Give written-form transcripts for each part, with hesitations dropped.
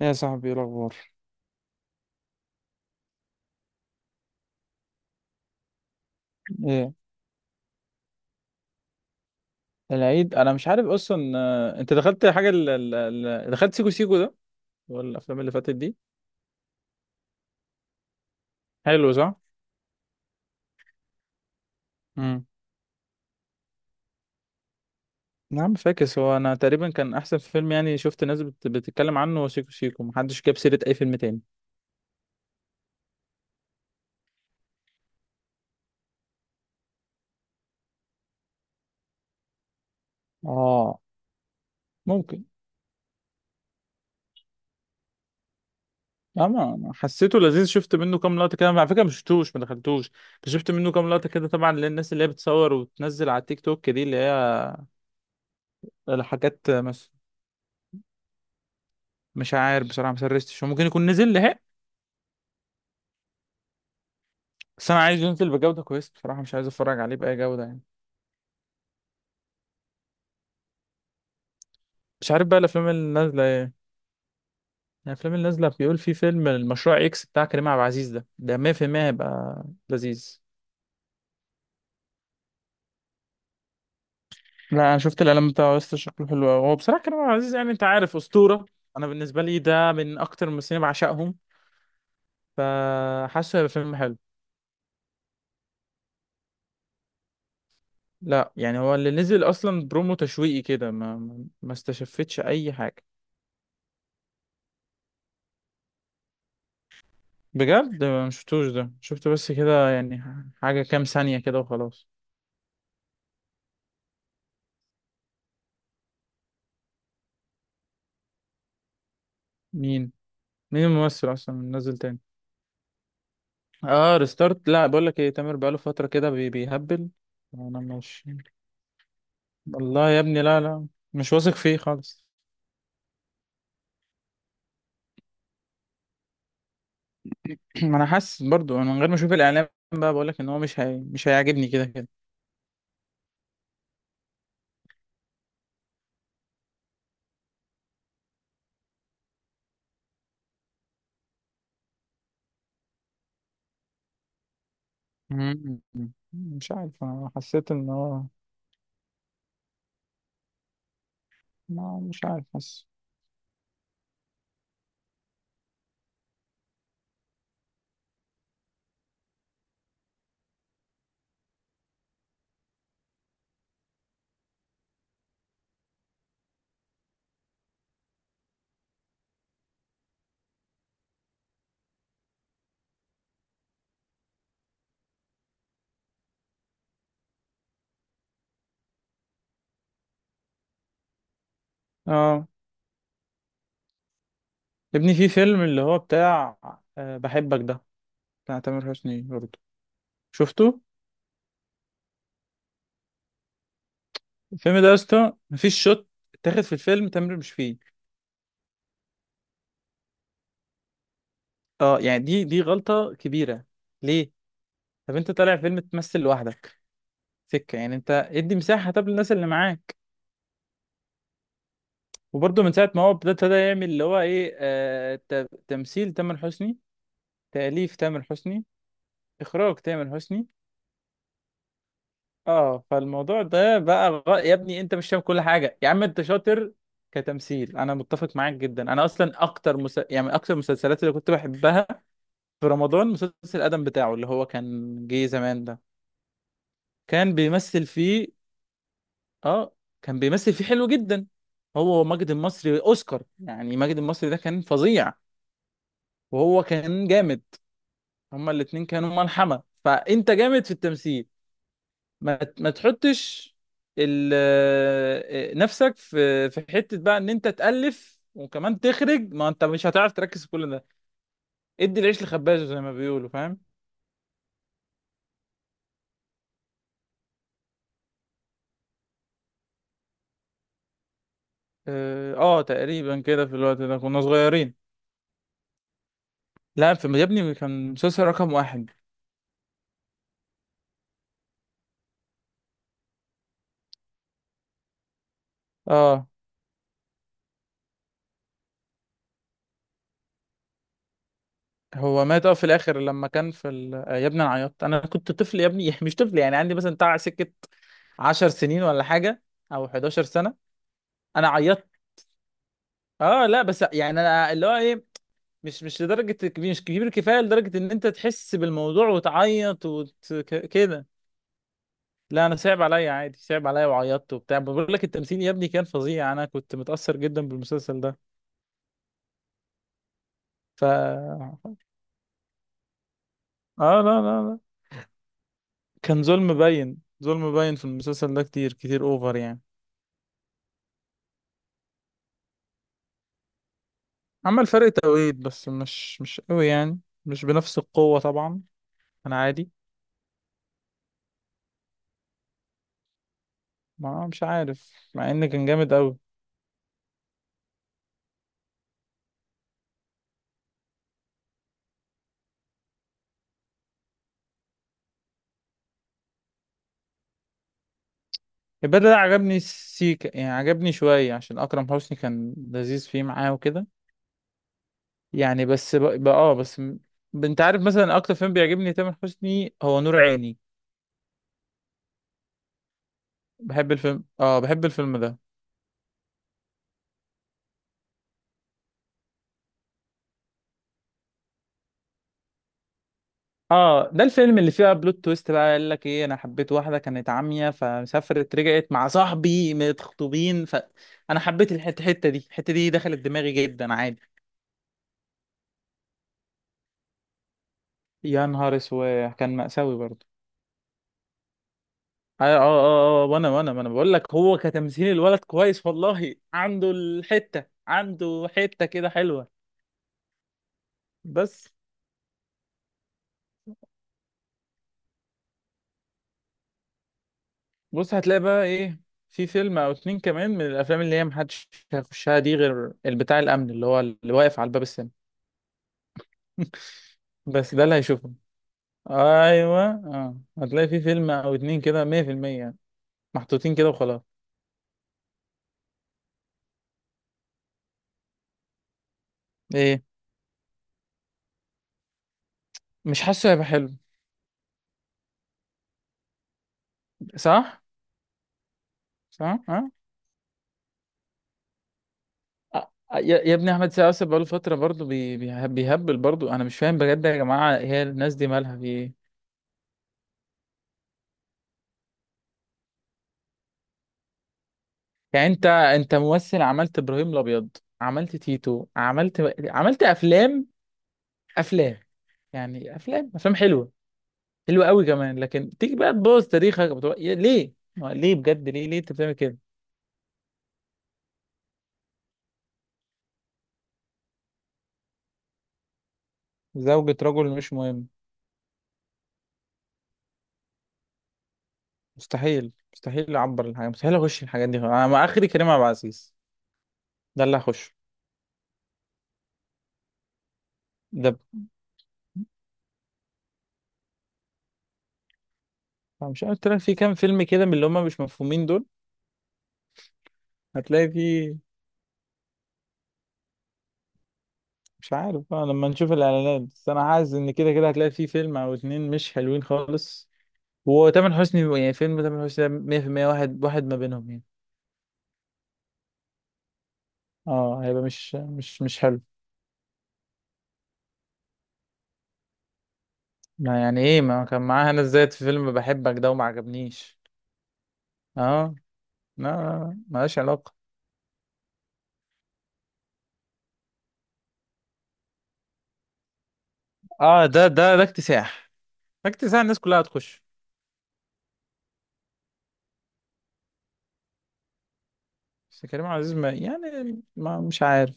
إيه يا صاحبي، إيه الاخبار؟ ايه العيد انا مش عارف اصلا، انت دخلت حاجه دخلت سيكو سيكو ده والافلام اللي فاتت دي؟ حلو، صح. امم نعم، فاكس. هو انا تقريبا كان احسن فيلم، يعني شفت ناس بتتكلم عنه، هو سيكو سيكو محدش جاب سيره اي فيلم تاني. اه، ممكن. اما أنا حسيته لذيذ، شفت منه كام لقطه كده على فكره، ما شفتوش ما دخلتوش، بس شفت منه كام لقطه كده. طبعا للناس اللي هي بتصور وتنزل على التيك توك دي اللي هي الحاجات مس... مش عارف بصراحه، ما سرشتش، هو ممكن يكون نزل لحقه. بس انا عايز ينزل بجودة كويسة، بصراحة مش عايز اتفرج عليه بأي جودة يعني. مش عارف بقى الافلام اللي نازلة ايه يعني. الافلام اللي نازلة بيقول في فيلم المشروع اكس بتاع كريم عبد العزيز ده 100% هيبقى لذيذ. لا انا شفت الاعلان بتاعه لسه، شكله حلو قوي. هو بصراحة كريم عبد العزيز يعني، انت عارف، أسطورة. انا بالنسبة لي ده من اكتر الممثلين اللي بعشقهم، فحاسه هيبقى فيلم حلو. لا يعني هو اللي نزل اصلا برومو تشويقي كده، ما استشفتش اي حاجة. بجد ما شفتوش، ده شفت بس كده يعني حاجة كام ثانية كده وخلاص. مين؟ مين الممثل اصلا نزل تاني؟ اه ريستارت. لا بقول لك ايه، تامر بقاله فتره كده بيهبل، انا مش. والله يا ابني لا لا، مش واثق فيه خالص. ما انا حاسس برضو، انا من غير ما اشوف الاعلام بقى بقول لك ان هو مش هيعجبني كده كده. مم. مش عارف، انا حسيت ان هو، ما مش عارف، حاسس. اه، يا ابني في فيلم اللي هو بتاع بحبك ده، بتاع تامر حسني برضو، شفته؟ الفيلم ده يا اسطى مفيش شوت اتاخد في الفيلم، تامر مش فيه. اه يعني دي غلطة كبيرة. ليه؟ طب انت طالع فيلم تمثل لوحدك سكة يعني؟ انت ادي مساحة طب للناس اللي معاك. وبرضه من ساعة ما هو ابتدى يعمل اللي هو ايه، تمثيل تامر حسني، تأليف تامر حسني، إخراج تامر حسني. اه فالموضوع ده بقى يا ابني انت مش فاهم كل حاجة، يا عم انت شاطر كتمثيل، انا متفق معاك جدا. انا اصلا اكتر يعني اكتر المسلسلات اللي كنت بحبها في رمضان مسلسل ادم بتاعه اللي هو كان جه زمان ده، كان بيمثل فيه. اه كان بيمثل فيه حلو جدا. هو ماجد المصري اوسكار، يعني ماجد المصري ده كان فظيع، وهو كان جامد. هما الاتنين كانوا ملحمة. فانت جامد في التمثيل، ما تحطش ال آه، نفسك في حتة بقى ان انت تألف وكمان تخرج، ما انت مش هتعرف تركز في كل ده. ادي العيش لخبازه زي ما بيقولوا، فاهم؟ اه تقريبا كده في الوقت ده كنا صغيرين. لا في يا ابني كان مسلسل رقم واحد. اه هو مات، اه في الاخر لما كان في ال... آه، يا ابني انا عيطت، انا كنت طفل يا ابني مش طفل، يعني عندي مثلا بتاع سكه 10 سنين ولا حاجه او 11 سنه. انا عيطت. اه لا بس يعني انا اللي هو ايه، مش لدرجه كبير، مش كبير كفايه لدرجه ان انت تحس بالموضوع وتعيط كده. لا انا صعب عليا عادي، صعب عليا وعيطت وبتاع. بقول لك التمثيل يا ابني كان فظيع، انا كنت متاثر جدا بالمسلسل ده. ف اه لا لا لا، كان ظلم باين، ظلم باين في المسلسل ده كتير كتير اوفر يعني. عمل فرق توقيت بس مش قوي يعني، مش بنفس القوة طبعا. انا عادي. ما مش عارف مع ان كان جامد قوي. البدل ده عجبني سيكا، يعني عجبني شوية عشان اكرم حسني كان لذيذ فيه معاه وكده يعني. بس بقى اه انت عارف مثلا اكتر فيلم بيعجبني تامر حسني هو نور عيني. بحب الفيلم، اه بحب الفيلم ده. اه ده الفيلم اللي فيه بلوت تويست بقى، قال لك ايه، انا حبيت واحده كانت عمية، فسافرت، رجعت مع صاحبي متخطوبين، فانا حبيت الحته. الحتة دي دخلت دماغي جدا عادي. يا نهار اسود، كان مأساوي برضه. وانا ما انا بقول لك هو كتمثيل الولد كويس والله، عنده الحته، عنده حته كده حلوه. بس بص، هتلاقي بقى ايه، في فيلم او اتنين كمان من الافلام اللي هي محدش هيخشها دي غير البتاع الامن اللي هو اللي واقف على الباب السينما، بس ده اللي هيشوفه. ايوه اه هتلاقي في فيلم او اتنين كده 100% يعني، محطوطين كده وخلاص. ايه؟ مش حاسه هيبقى حلو. صح، صح اه. يا ابني احمد سقاس بقاله فتره برضه بيهبل برضه، انا مش فاهم بجد يا جماعه، هي الناس دي مالها في ايه؟ يعني انت ممثل، عملت ابراهيم الابيض، عملت تيتو، عملت، عملت افلام، افلام، يعني افلام افلام حلوه، حلو قوي كمان. لكن تيجي بقى تبوظ تاريخك بتبقى، ليه، ما ليه بجد، ليه ليه انت بتعمل كده؟ زوجة رجل مش مهم؟ مستحيل، مستحيل اعبر الحاجة، مستحيل اخش الحاجات دي. انا مع اخري كريم عبد العزيز، ده اللي هخشه. ده ب- مش عارف، قلت لك في كام فيلم كده من اللي هم مش مفهومين دول، هتلاقي فيه. مش عارف بقى لما نشوف الاعلانات، بس انا حاسس ان كده كده هتلاقي فيه فيلم او اتنين مش حلوين خالص. وتامر حسني يعني فيلم تامر حسني ده 100% واحد واحد ما بينهم يعني. اه هيبقى مش حلو. ما يعني ايه ما كان معاها؟ انا ازاي في فيلم بحبك ده وما عجبنيش؟ اه لا لا، لا، ملهاش علاقة. اه ده اكتساح، ده اكتساح الناس كلها هتخش. بس كريم عبد العزيز ما يعني ما مش عارف.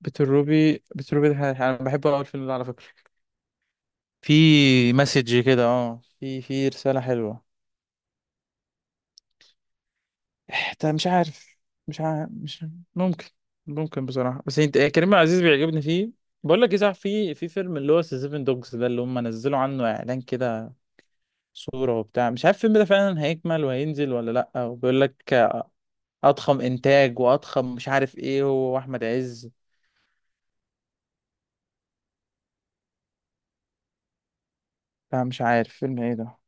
بيت الروبي انا بحبه اول فيلم ده على فكرة، في مسج كده، اه في رسالة حلوة. انت مش عارف، مش عارف مش، ممكن. ممكن بصراحة بس انت إيه، كريم عبد العزيز بيعجبني فيه. بقول لك ايه صح، في فيلم اللي هو سيفن دوجز ده اللي هم نزلوا عنه اعلان كده، صورة وبتاع مش عارف الفيلم ده فعلا هيكمل وهينزل ولا لأ، وبيقول لك أضخم إنتاج وأضخم مش عارف إيه، هو وأحمد عز. فمش عارف فيلم إيه ده.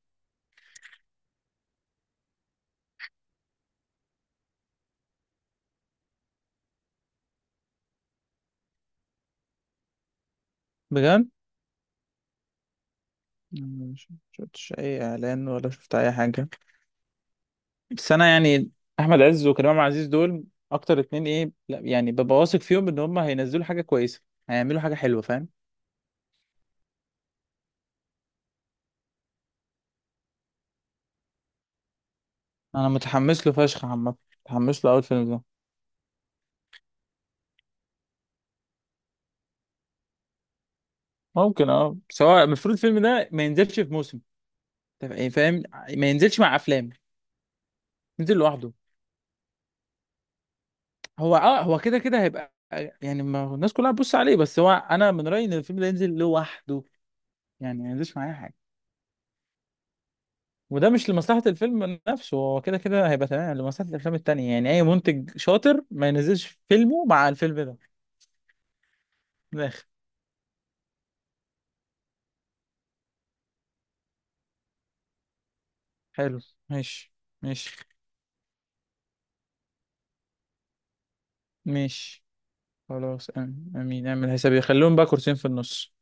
بجد؟ أنا مش شفتش أي إعلان ولا شفت أي حاجة. بس أنا يعني أحمد عز وكريم عبد العزيز دول أكتر اتنين إيه، لأ يعني ببقى واثق فيهم إن هما هينزلوا حاجة كويسة، هيعملوا حاجة حلوة، فاهم؟ أنا متحمس له فشخ عامة، متحمس له أوي الفيلم ده. ممكن أه، سواء المفروض الفيلم ده ما ينزلش في موسم، طب إيه فاهم، ما ينزلش مع أفلام، نزل لوحده. هو اه، هو كده كده هيبقى، يعني ما هو الناس كلها هتبص عليه. بس هو انا من رأيي ان الفيلم ده ينزل لوحده، يعني ما ينزلش معايا حاجه. وده مش لمصلحة الفيلم نفسه، هو كده كده هيبقى تمام، لمصلحة الافلام التانية. يعني اي منتج شاطر ما ينزلش فيلمه مع الفيلم ده، من الاخر. حلو. ماشي، ماشي. ماشي خلاص، آمين آمين. اعمل حسابي، خليهم بقى كرسيين في النص.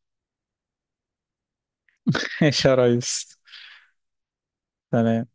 ماشي يا ريس. سلام.